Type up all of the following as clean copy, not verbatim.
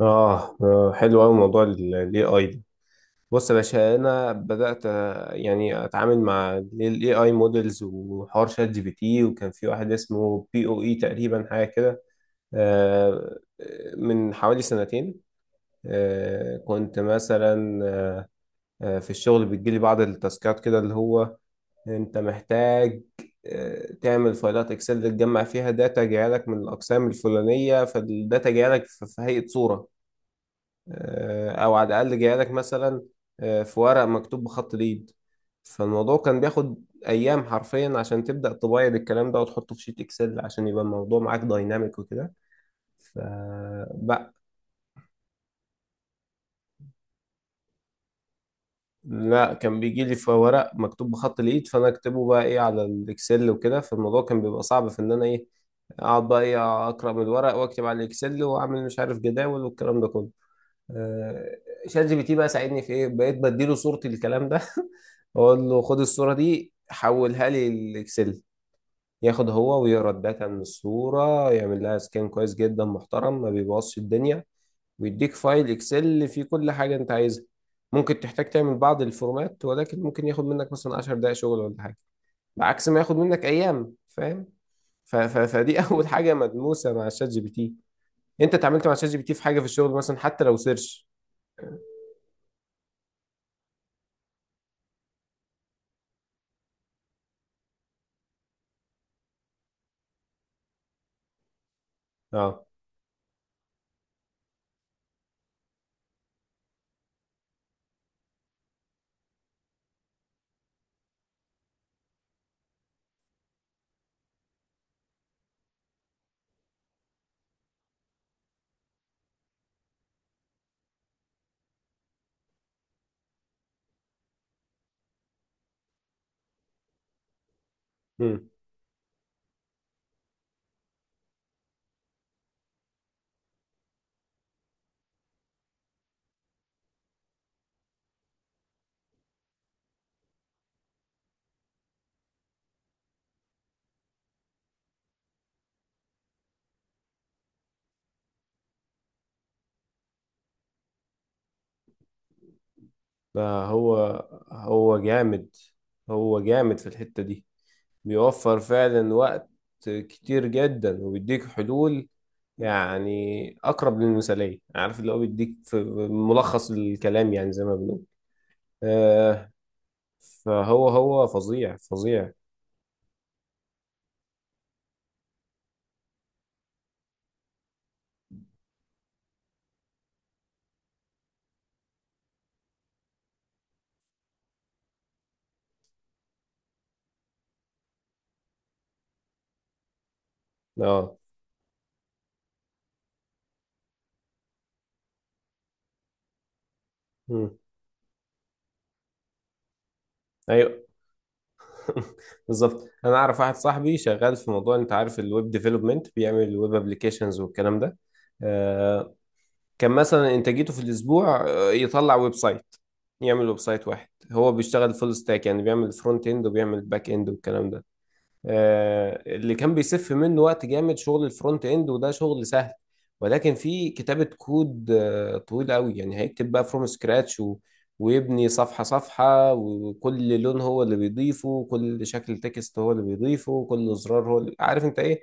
حلو أوي موضوع ال AI ده. بص يا باشا، أنا بدأت يعني أتعامل مع ال AI models وحوار شات جي بي تي، وكان في واحد اسمه بي أو إي تقريبا، حاجة كده آه، من حوالي سنتين. كنت مثلا في الشغل بتجيلي بعض التاسكات كده، اللي هو أنت محتاج تعمل فايلات اكسل تجمع فيها داتا جايه لك من الاقسام الفلانيه، فالداتا جايه لك في هيئه صوره، او على الاقل جايه لك مثلا في ورق مكتوب بخط اليد. فالموضوع كان بياخد ايام حرفيا عشان تبدا تبيض الكلام ده وتحطه في شيت اكسل، عشان يبقى الموضوع معاك دايناميك وكده. ف بقى لا، كان بيجي لي في ورق مكتوب بخط اليد، فانا اكتبه بقى ايه على الاكسل وكده. فالموضوع كان بيبقى صعب في ان انا ايه، اقعد بقى ايه اقرا من الورق واكتب على الاكسل واعمل مش عارف جداول والكلام ده كله. آه، شات جي بي تي بقى ساعدني في ايه، بقيت بديله صورتي الكلام ده. اقول له خد الصوره دي حولها لي الاكسل، ياخد هو ويقرا الداتا من الصوره، يعمل لها سكان كويس جدا محترم، ما بيبوظش الدنيا، ويديك فايل اكسل فيه كل حاجه انت عايزها. ممكن تحتاج تعمل بعض الفورمات، ولكن ممكن ياخد منك مثلا 10 دقائق شغل ولا حاجه، بعكس ما ياخد منك ايام. فاهم؟ فدي اول حاجه ملموسه مع الشات جي بي تي. انت اتعاملت مع الشات جي بي تي في حاجه في الشغل مثلا، حتى لو سيرش؟ اه، ده هو جامد، هو جامد في الحتة دي. بيوفر فعلا وقت كتير جدا، وبيديك حلول يعني أقرب للمثالية، عارف اللي هو بيديك في ملخص الكلام، يعني زي ما بنقول. آه. فهو فظيع فظيع. اه. مم. ايوه. بالظبط، انا اعرف واحد صاحبي شغال في موضوع، انت عارف الويب ديفلوبمنت؟ بيعمل ويب ابلكيشنز والكلام ده. آه، كان مثلا انتاجيته في الاسبوع يطلع ويب سايت، يعمل ويب سايت واحد. هو بيشتغل فول ستاك، يعني بيعمل فرونت اند وبيعمل باك اند والكلام ده. آه، اللي كان بيسف منه وقت جامد شغل الفرونت اند، وده شغل سهل، ولكن في كتابة كود طويل قوي. يعني هيكتب بقى فروم سكراتش، و... ويبني صفحة صفحة، وكل لون هو اللي بيضيفه، كل شكل تكست هو اللي بيضيفه، كل زرار هو اللي... عارف انت ايه،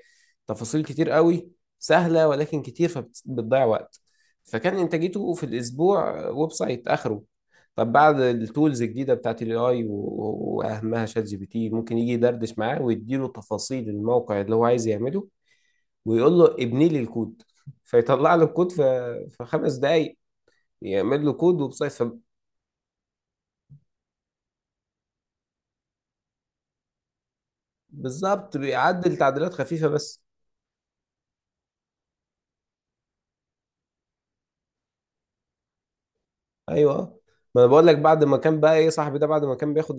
تفاصيل كتير قوي، سهلة ولكن كتير فبتضيع وقت. فكان انتاجيته في الاسبوع ويب سايت اخره. طب بعد التولز الجديدة بتاعت الاي اي، واهمها شات جي بي تي، ممكن يجي يدردش معاه ويديله تفاصيل الموقع اللي هو عايز يعمله، ويقول له ابني لي الكود، فيطلع له الكود في 5 دقايق، يعمل له كود ويب سايت. فبالظبط بيعدل تعديلات خفيفة بس. ايوه، ما انا بقول لك، بعد ما كان بقى ايه صاحبي ده بعد ما كان بياخد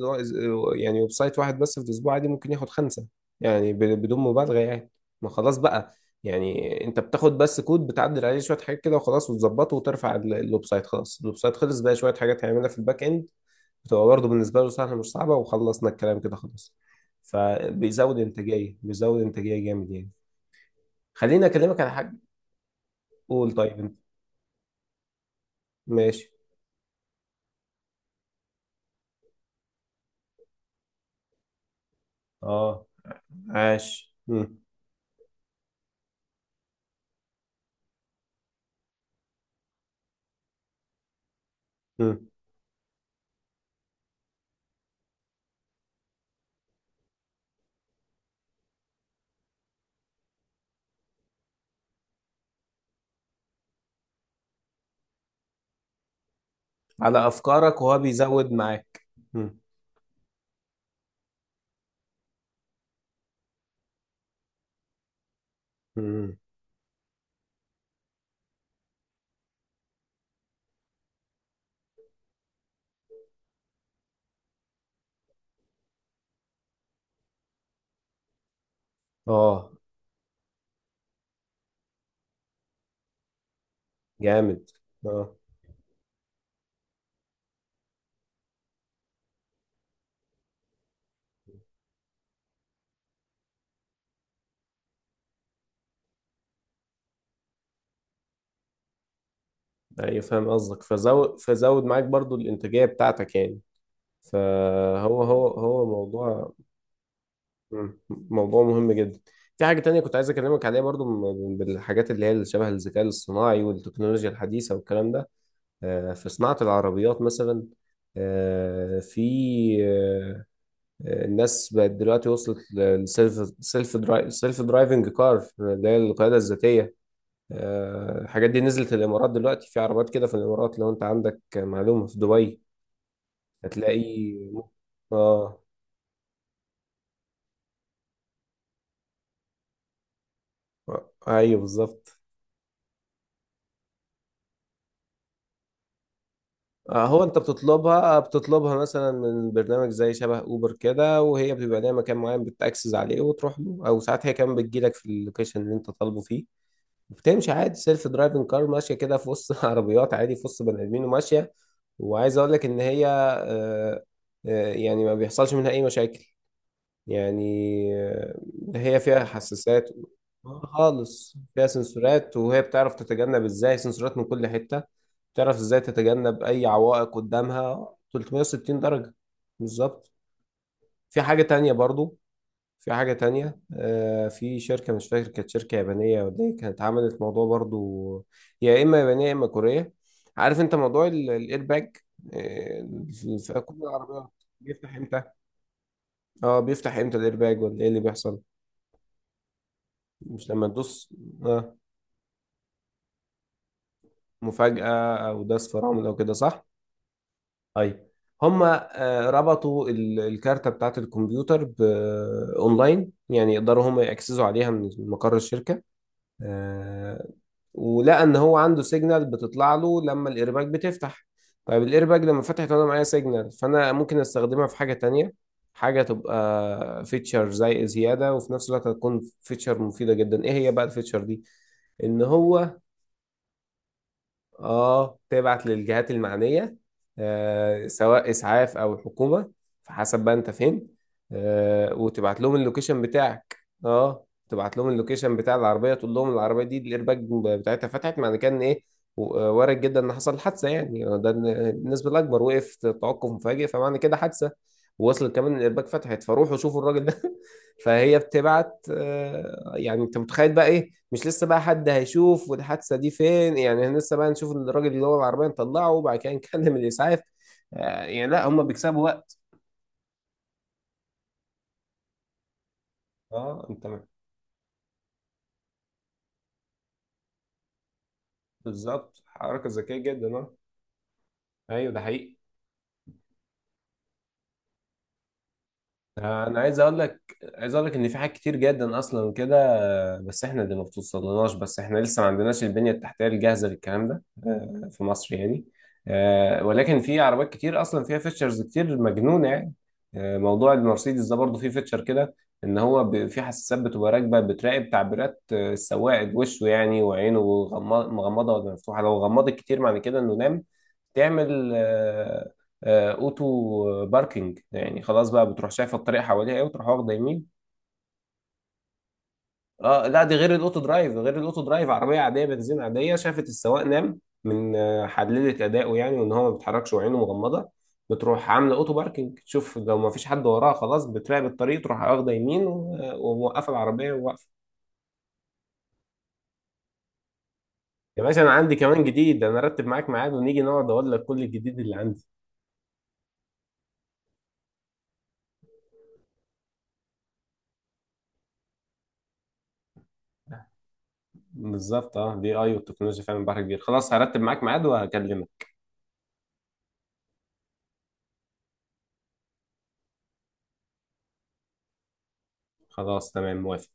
يعني ويب سايت واحد بس في الاسبوع، عادي ممكن ياخد خمسه، يعني بدون مبالغه يعني. ما خلاص بقى، يعني انت بتاخد بس كود، بتعدل عليه شويه حاجات كده وخلاص، وتظبطه وترفع الويب سايت، خلاص الويب سايت خلص، بقى شويه حاجات هيعملها في الباك اند، بتبقى برضه بالنسبه له سهله مش صعبه، وخلصنا الكلام كده خلاص. فبيزود انتاجيه، بيزود انتاجيه جامد يعني. خليني اكلمك على حاجه. قول. طيب انت. ماشي. اه. عاش. مم. مم. على افكارك وهو بيزود معاك. مم. مم. اه. جامد. اه. ايوه فاهم قصدك. فزود، فزود معاك برضو الانتاجيه بتاعتك يعني. فهو هو هو موضوع. مم. موضوع مهم جدا. في حاجه تانية كنت عايز اكلمك عليها برضو، بالحاجات اللي هي اللي شبه الذكاء الاصطناعي والتكنولوجيا الحديثه والكلام ده. في صناعه العربيات مثلا. آه، في آه، الناس بقت دلوقتي وصلت للسيلف سيلف درايف سيلف درايفنج كار، اللي هي القياده الذاتيه. الحاجات دي نزلت الامارات. دلوقتي في عربيات كده في الامارات، لو انت عندك معلومه، في دبي هتلاقي. اه. ايوه بالظبط. هو انت بتطلبها مثلا من برنامج زي شبه اوبر كده، وهي بتبقى ليها مكان معين بتاكسس عليه وتروح له، او ساعات هي كمان بتجيلك في اللوكيشن اللي انت طالبه فيه. بتمشي عادي سيلف درايفنج كار ماشيه كده في وسط عربيات، عادي في وسط بني ادمين وماشيه. وعايز اقول لك ان هي يعني ما بيحصلش منها اي مشاكل يعني. آه، هي فيها حساسات خالص، فيها سنسورات، وهي بتعرف تتجنب ازاي، سنسورات من كل حته، بتعرف ازاي تتجنب اي عوائق قدامها 360 درجه. بالظبط. في حاجه تانية برضو، في حاجة تانية في شركة مش فاكر كانت شركة يابانية ولا ايه، كانت عملت موضوع برضو. يا إما يابانية يا إما كورية. عارف أنت موضوع الإيرباج آه، في كل العربيات بيفتح إمتى؟ اه، بيفتح إمتى الإيرباج ولا ايه اللي بيحصل؟ مش لما تدوس آه مفاجأة، أو داس فرامل أو كده، صح؟ طيب، هما ربطوا الكارتة بتاعة الكمبيوتر أونلاين، يعني يقدروا هما يأكسسوا عليها من مقر الشركة. آه، ولقى ان هو عنده سيجنال بتطلع له لما الايرباك بتفتح. طيب الايرباك لما فتحت وانا معايا سيجنال، فانا ممكن استخدمها في حاجه تانية، حاجه تبقى فيتشر زي زياده، وفي نفس الوقت هتكون فيتشر مفيده جدا. ايه هي بقى الفيتشر دي؟ ان هو، اه، تبعت للجهات المعنية، آه، سواء إسعاف أو الحكومة، فحسب بقى أنت فين، آه، وتبعت لهم اللوكيشن بتاعك. اه، تبعت لهم اللوكيشن بتاع العربية، تقول لهم العربية دي الإيرباج بتاعتها فتحت، معنى كان إيه؟ وارد جدا إن حصل حادثة يعني، آه، ده النسبة الأكبر. توقف مفاجئ، فمعنى كده حادثة. ووصل كمان الإيرباج فتحت، فروحوا شوفوا الراجل ده. فهي بتبعت، يعني انت متخيل بقى ايه؟ مش لسه بقى حد هيشوف والحادثه دي فين، يعني احنا لسه بقى نشوف ان الراجل اللي هو العربيه نطلعه وبعد كده نكلم الاسعاف. يعني لا، هم بيكسبوا وقت. اه. انت بالظبط، حركه ذكيه جدا، اه. ايوه ده حقيقي. آه، انا عايز اقول لك عايز اقول لك ان في حاجات كتير جدا اصلا كده، بس احنا اللي ما بتوصلناش. بس احنا لسه ما عندناش البنية التحتية الجاهزة للكلام ده، في مصر يعني. ولكن في عربيات كتير اصلا فيها فيتشرز كتير مجنونة يعني. موضوع المرسيدس ده برضه فيه فيتشر كده، ان هو في حساسات بتبقى راكبة، بتراقب تعبيرات السواق، وشه يعني، وعينه مغمضة ولا مفتوحة. لو غمضت كتير معنى كده انه نام، تعمل اوتو باركينج، يعني خلاص بقى بتروح شايفة الطريق حواليها ايه، وتروح واخدة يمين. اه لا، دي غير الاوتو درايف، غير الاوتو درايف، عربيه عاديه بنزين عاديه، شافت السواق نام من حللت اداؤه يعني، وان هو ما بيتحركش وعينه مغمضه، بتروح عامله اوتو باركنج، تشوف لو ما فيش حد وراها خلاص، بتراقب الطريق تروح واخده يمين وموقفه العربيه وواقفه. يا باشا انا عندي كمان جديد، انا ارتب معاك ميعاد ونيجي نقعد اقول لك كل الجديد اللي عندي. بالظبط، اه الاي اي والتكنولوجيا فعلا بحر كبير. خلاص هرتب معاك ميعاد وهكلمك. خلاص تمام، موافق.